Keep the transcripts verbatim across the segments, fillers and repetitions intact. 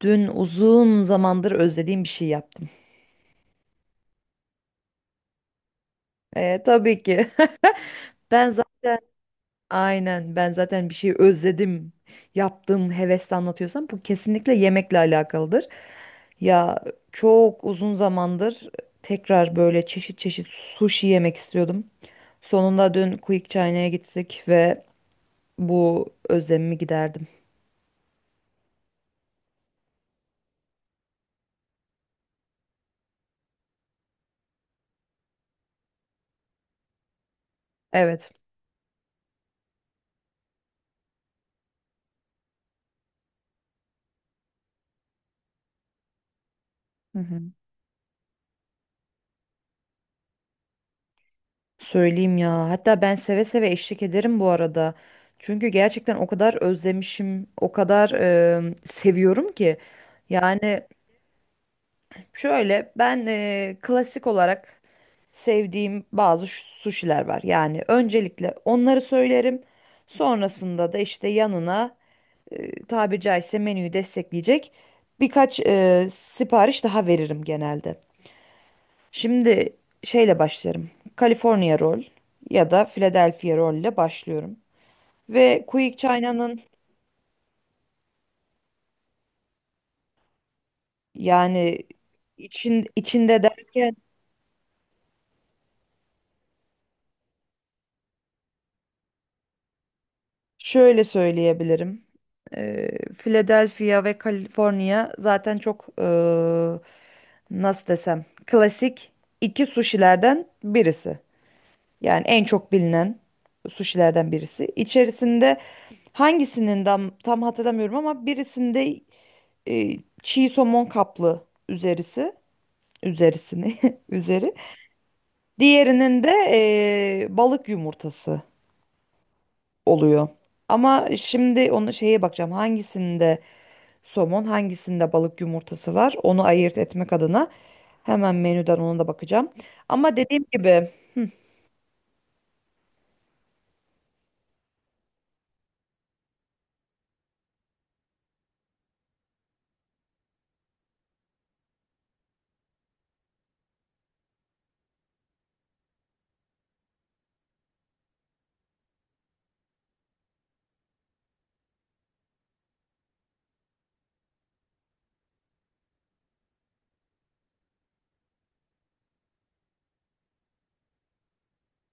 Dün uzun zamandır özlediğim bir şey yaptım. E, tabii ki. Ben zaten aynen Ben zaten bir şey özledim. Yaptığım hevesle anlatıyorsam bu kesinlikle yemekle alakalıdır. Ya çok uzun zamandır tekrar böyle çeşit çeşit sushi yemek istiyordum. Sonunda dün Quick China'ya gittik ve bu özlemimi giderdim. Evet. Hı hı. Söyleyeyim ya. Hatta ben seve seve eşlik ederim bu arada. Çünkü gerçekten o kadar özlemişim, o kadar e, seviyorum ki. Yani şöyle ben e, klasik olarak sevdiğim bazı şu- suşiler var. Yani öncelikle onları söylerim. Sonrasında da işte yanına e, tabiri caizse menüyü destekleyecek birkaç e, sipariş daha veririm genelde. Şimdi şeyle başlarım. California Roll ya da Philadelphia Roll ile başlıyorum. Ve Quick China'nın yani için, içinde derken şöyle söyleyebilirim. Ee, Philadelphia ve California zaten çok ee, nasıl desem, klasik iki suşilerden birisi. Yani en çok bilinen suşilerden birisi. İçerisinde hangisinin tam, tam hatırlamıyorum ama birisinde e, çiğ somon kaplı üzerisi üzerisini üzeri. Diğerinin de e, balık yumurtası oluyor. Ama şimdi onu şeye bakacağım, hangisinde somon hangisinde balık yumurtası var, onu ayırt etmek adına hemen menüden ona da bakacağım. Ama dediğim gibi,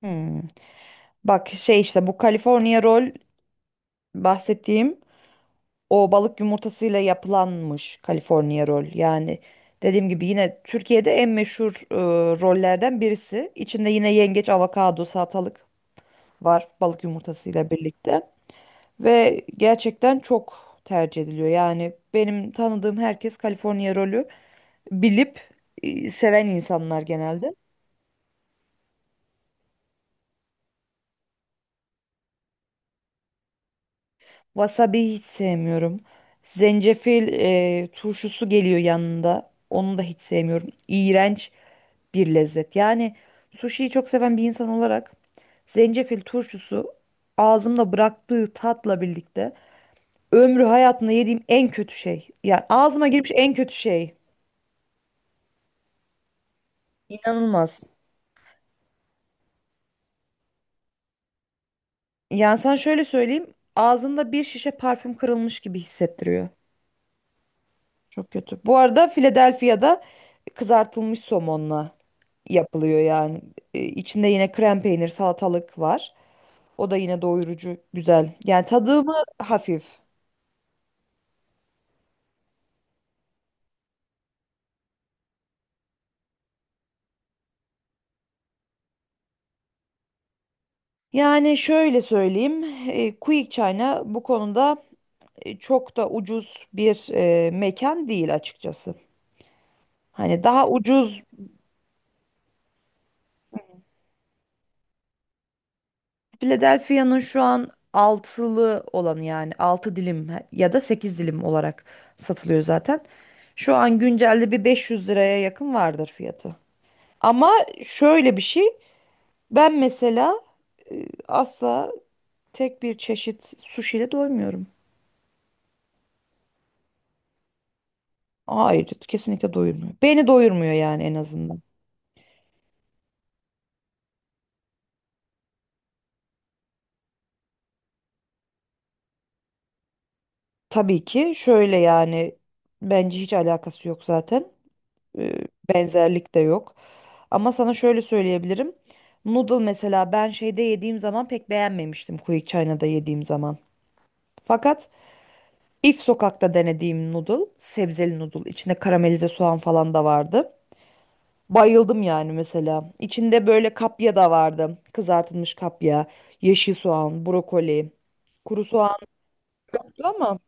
hmm, bak şey işte bu California roll bahsettiğim. O balık yumurtasıyla yapılanmış California roll. Yani dediğim gibi yine Türkiye'de en meşhur e, rollerden birisi. İçinde yine yengeç, avokado, salatalık var, balık yumurtasıyla birlikte. Ve gerçekten çok tercih ediliyor. Yani benim tanıdığım herkes California rolü bilip e, seven insanlar genelde. Wasabi hiç sevmiyorum. Zencefil e, turşusu geliyor yanında. Onu da hiç sevmiyorum. İğrenç bir lezzet. Yani sushiyi çok seven bir insan olarak zencefil turşusu ağzımda bıraktığı tatla birlikte ömrü hayatımda yediğim en kötü şey. Yani ağzıma girmiş en kötü şey. İnanılmaz. Yani sana şöyle söyleyeyim. Ağzında bir şişe parfüm kırılmış gibi hissettiriyor. Çok kötü. Bu arada Philadelphia'da kızartılmış somonla yapılıyor yani. E, İçinde yine krem peynir, salatalık var. O da yine doyurucu, güzel. Yani tadımı hafif. Yani şöyle söyleyeyim, e, Quick China bu konuda e, çok da ucuz bir e, mekan değil açıkçası. Hani daha ucuz, Philadelphia'nın şu an altılı olanı yani altı dilim he- ya da sekiz dilim olarak satılıyor zaten. Şu an güncelde bir beş yüz liraya yakın vardır fiyatı. Ama şöyle bir şey, ben mesela e, asla tek bir çeşit sushi ile doymuyorum. Hayır, kesinlikle doyurmuyor. Beni doyurmuyor yani en azından. Tabii ki şöyle yani bence hiç alakası yok zaten. Ee, Benzerlik de yok. Ama sana şöyle söyleyebilirim. Noodle mesela ben şeyde yediğim zaman pek beğenmemiştim, Quick China'da yediğim zaman. Fakat If sokakta denediğim noodle, sebzeli noodle, içinde karamelize soğan falan da vardı. Bayıldım yani mesela. İçinde böyle kapya da vardı. Kızartılmış kapya, yeşil soğan, brokoli, kuru soğan yoktu ama.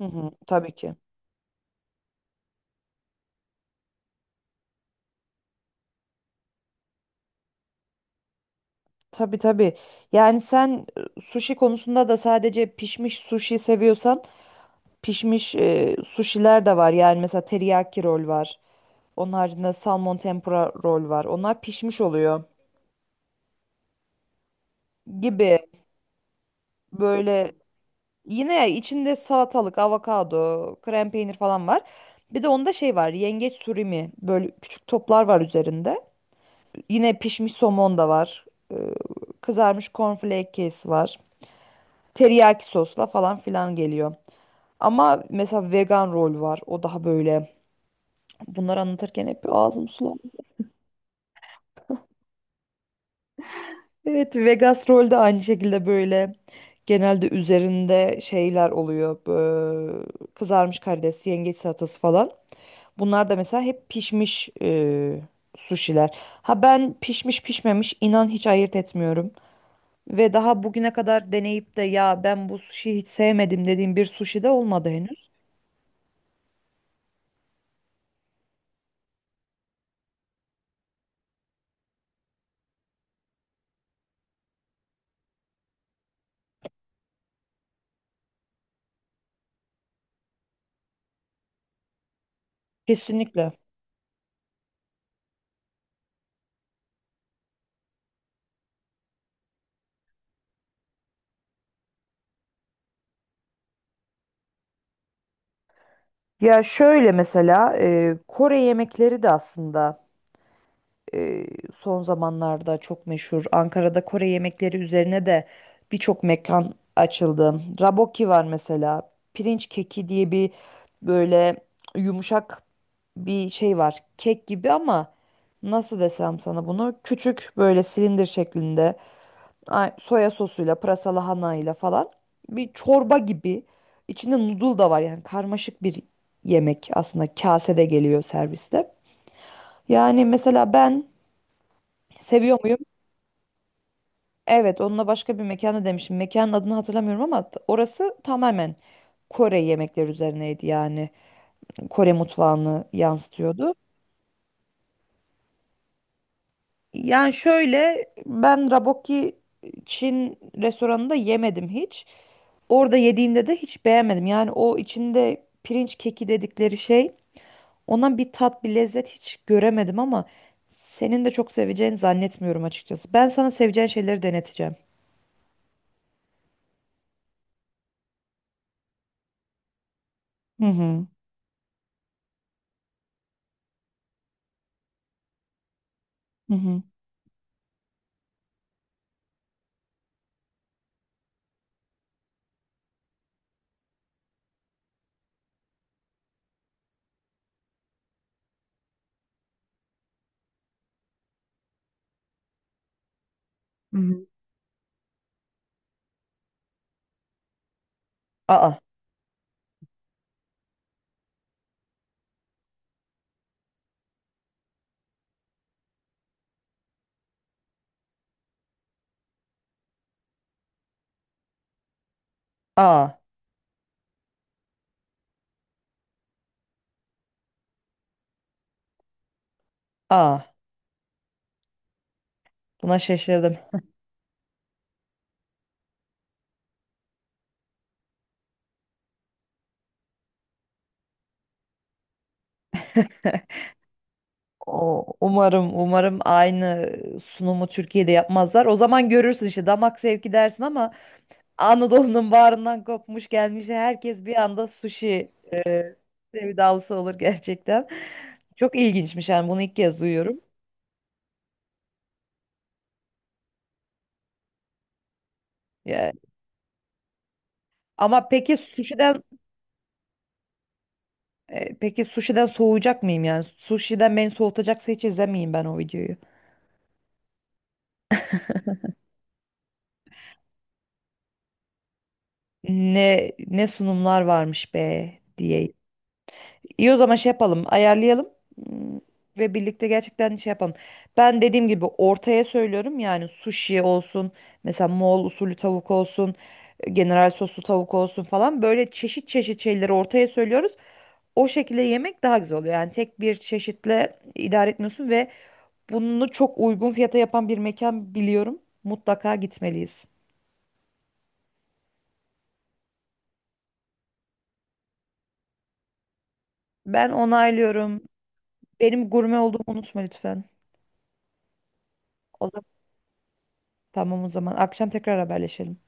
Hı hı, tabii ki. Tabii tabii. Yani sen e, sushi konusunda da sadece pişmiş sushi seviyorsan pişmiş e, sushiler de var. Yani mesela teriyaki rol var. Onun haricinde salmon tempura rol var. Onlar pişmiş oluyor gibi, böyle yine içinde salatalık, avokado, krem peynir falan var. Bir de onda şey var. Yengeç surimi, böyle küçük toplar var üzerinde. Yine pişmiş somon da var. e, Kızarmış cornflake kesi var. Teriyaki sosla falan filan geliyor. Ama mesela vegan rol var. O daha böyle. Bunları anlatırken hep ağzım sulandı. Evet, Vegas rol de aynı şekilde böyle. Genelde üzerinde şeyler oluyor. bö- Kızarmış karides, yengeç salatası falan. Bunlar da mesela hep pişmiş e, suşiler. Ha, ben pişmiş pişmemiş inan hiç ayırt etmiyorum. Ve daha bugüne kadar deneyip de ya ben bu suşiyi hiç sevmedim dediğim bir suşi de olmadı henüz. Kesinlikle. Ya şöyle mesela e, Kore yemekleri de aslında e, son zamanlarda çok meşhur. Ankara'da Kore yemekleri üzerine de birçok mekan açıldı. Raboki var mesela. Pirinç keki diye bir, böyle yumuşak bir şey var. Kek gibi ama nasıl desem sana bunu? Küçük böyle silindir şeklinde. Ay, soya sosuyla, pırasalı lahanayla falan, bir çorba gibi. İçinde noodle da var, yani karmaşık bir yemek aslında, kasede geliyor serviste. Yani mesela ben seviyor muyum? Evet, onunla başka bir mekana demişim. Mekanın adını hatırlamıyorum ama t- orası tamamen Kore yemekleri üzerineydi yani. Kore mutfağını yansıtıyordu. Yani şöyle, ben raboki Çin restoranında yemedim hiç. Orada yediğimde de hiç beğenmedim. Yani o içinde pirinç keki dedikleri şey, ondan bir tat bir lezzet hiç göremedim, ama senin de çok seveceğini zannetmiyorum açıkçası. Ben sana seveceğin şeyleri deneteceğim. Hı hı. Hı hı. Hı hı. Aa, aa, aa. Buna şaşırdım. O, umarım, umarım aynı sunumu Türkiye'de yapmazlar. O zaman görürsün işte damak zevki dersin, ama Anadolu'nun bağrından kopmuş gelmiş herkes bir anda sushi e, sevdalısı olur gerçekten. Çok ilginçmiş yani, bunu ilk kez duyuyorum. Yani, ama peki sushi'den e, peki sushi'den soğuyacak mıyım yani? Sushi'den beni soğutacaksa hiç izlemeyeyim ben o videoyu. Ne ne sunumlar varmış be diye. İyi o zaman şey yapalım, ayarlayalım. Hmm, ve birlikte gerçekten şey yapalım. Ben dediğim gibi ortaya söylüyorum, yani sushi olsun, mesela Moğol usulü tavuk olsun, e, general soslu tavuk olsun falan, böyle çeşit çeşit şeyleri ortaya söylüyoruz. O şekilde yemek daha güzel oluyor. Yani tek bir çeşitle idare etmiyorsun ve bunu çok uygun fiyata yapan bir mekan biliyorum. Mutlaka gitmeliyiz. Ben onaylıyorum. Benim gurme olduğumu unutma lütfen. O zaman, tamam, o zaman akşam tekrar haberleşelim.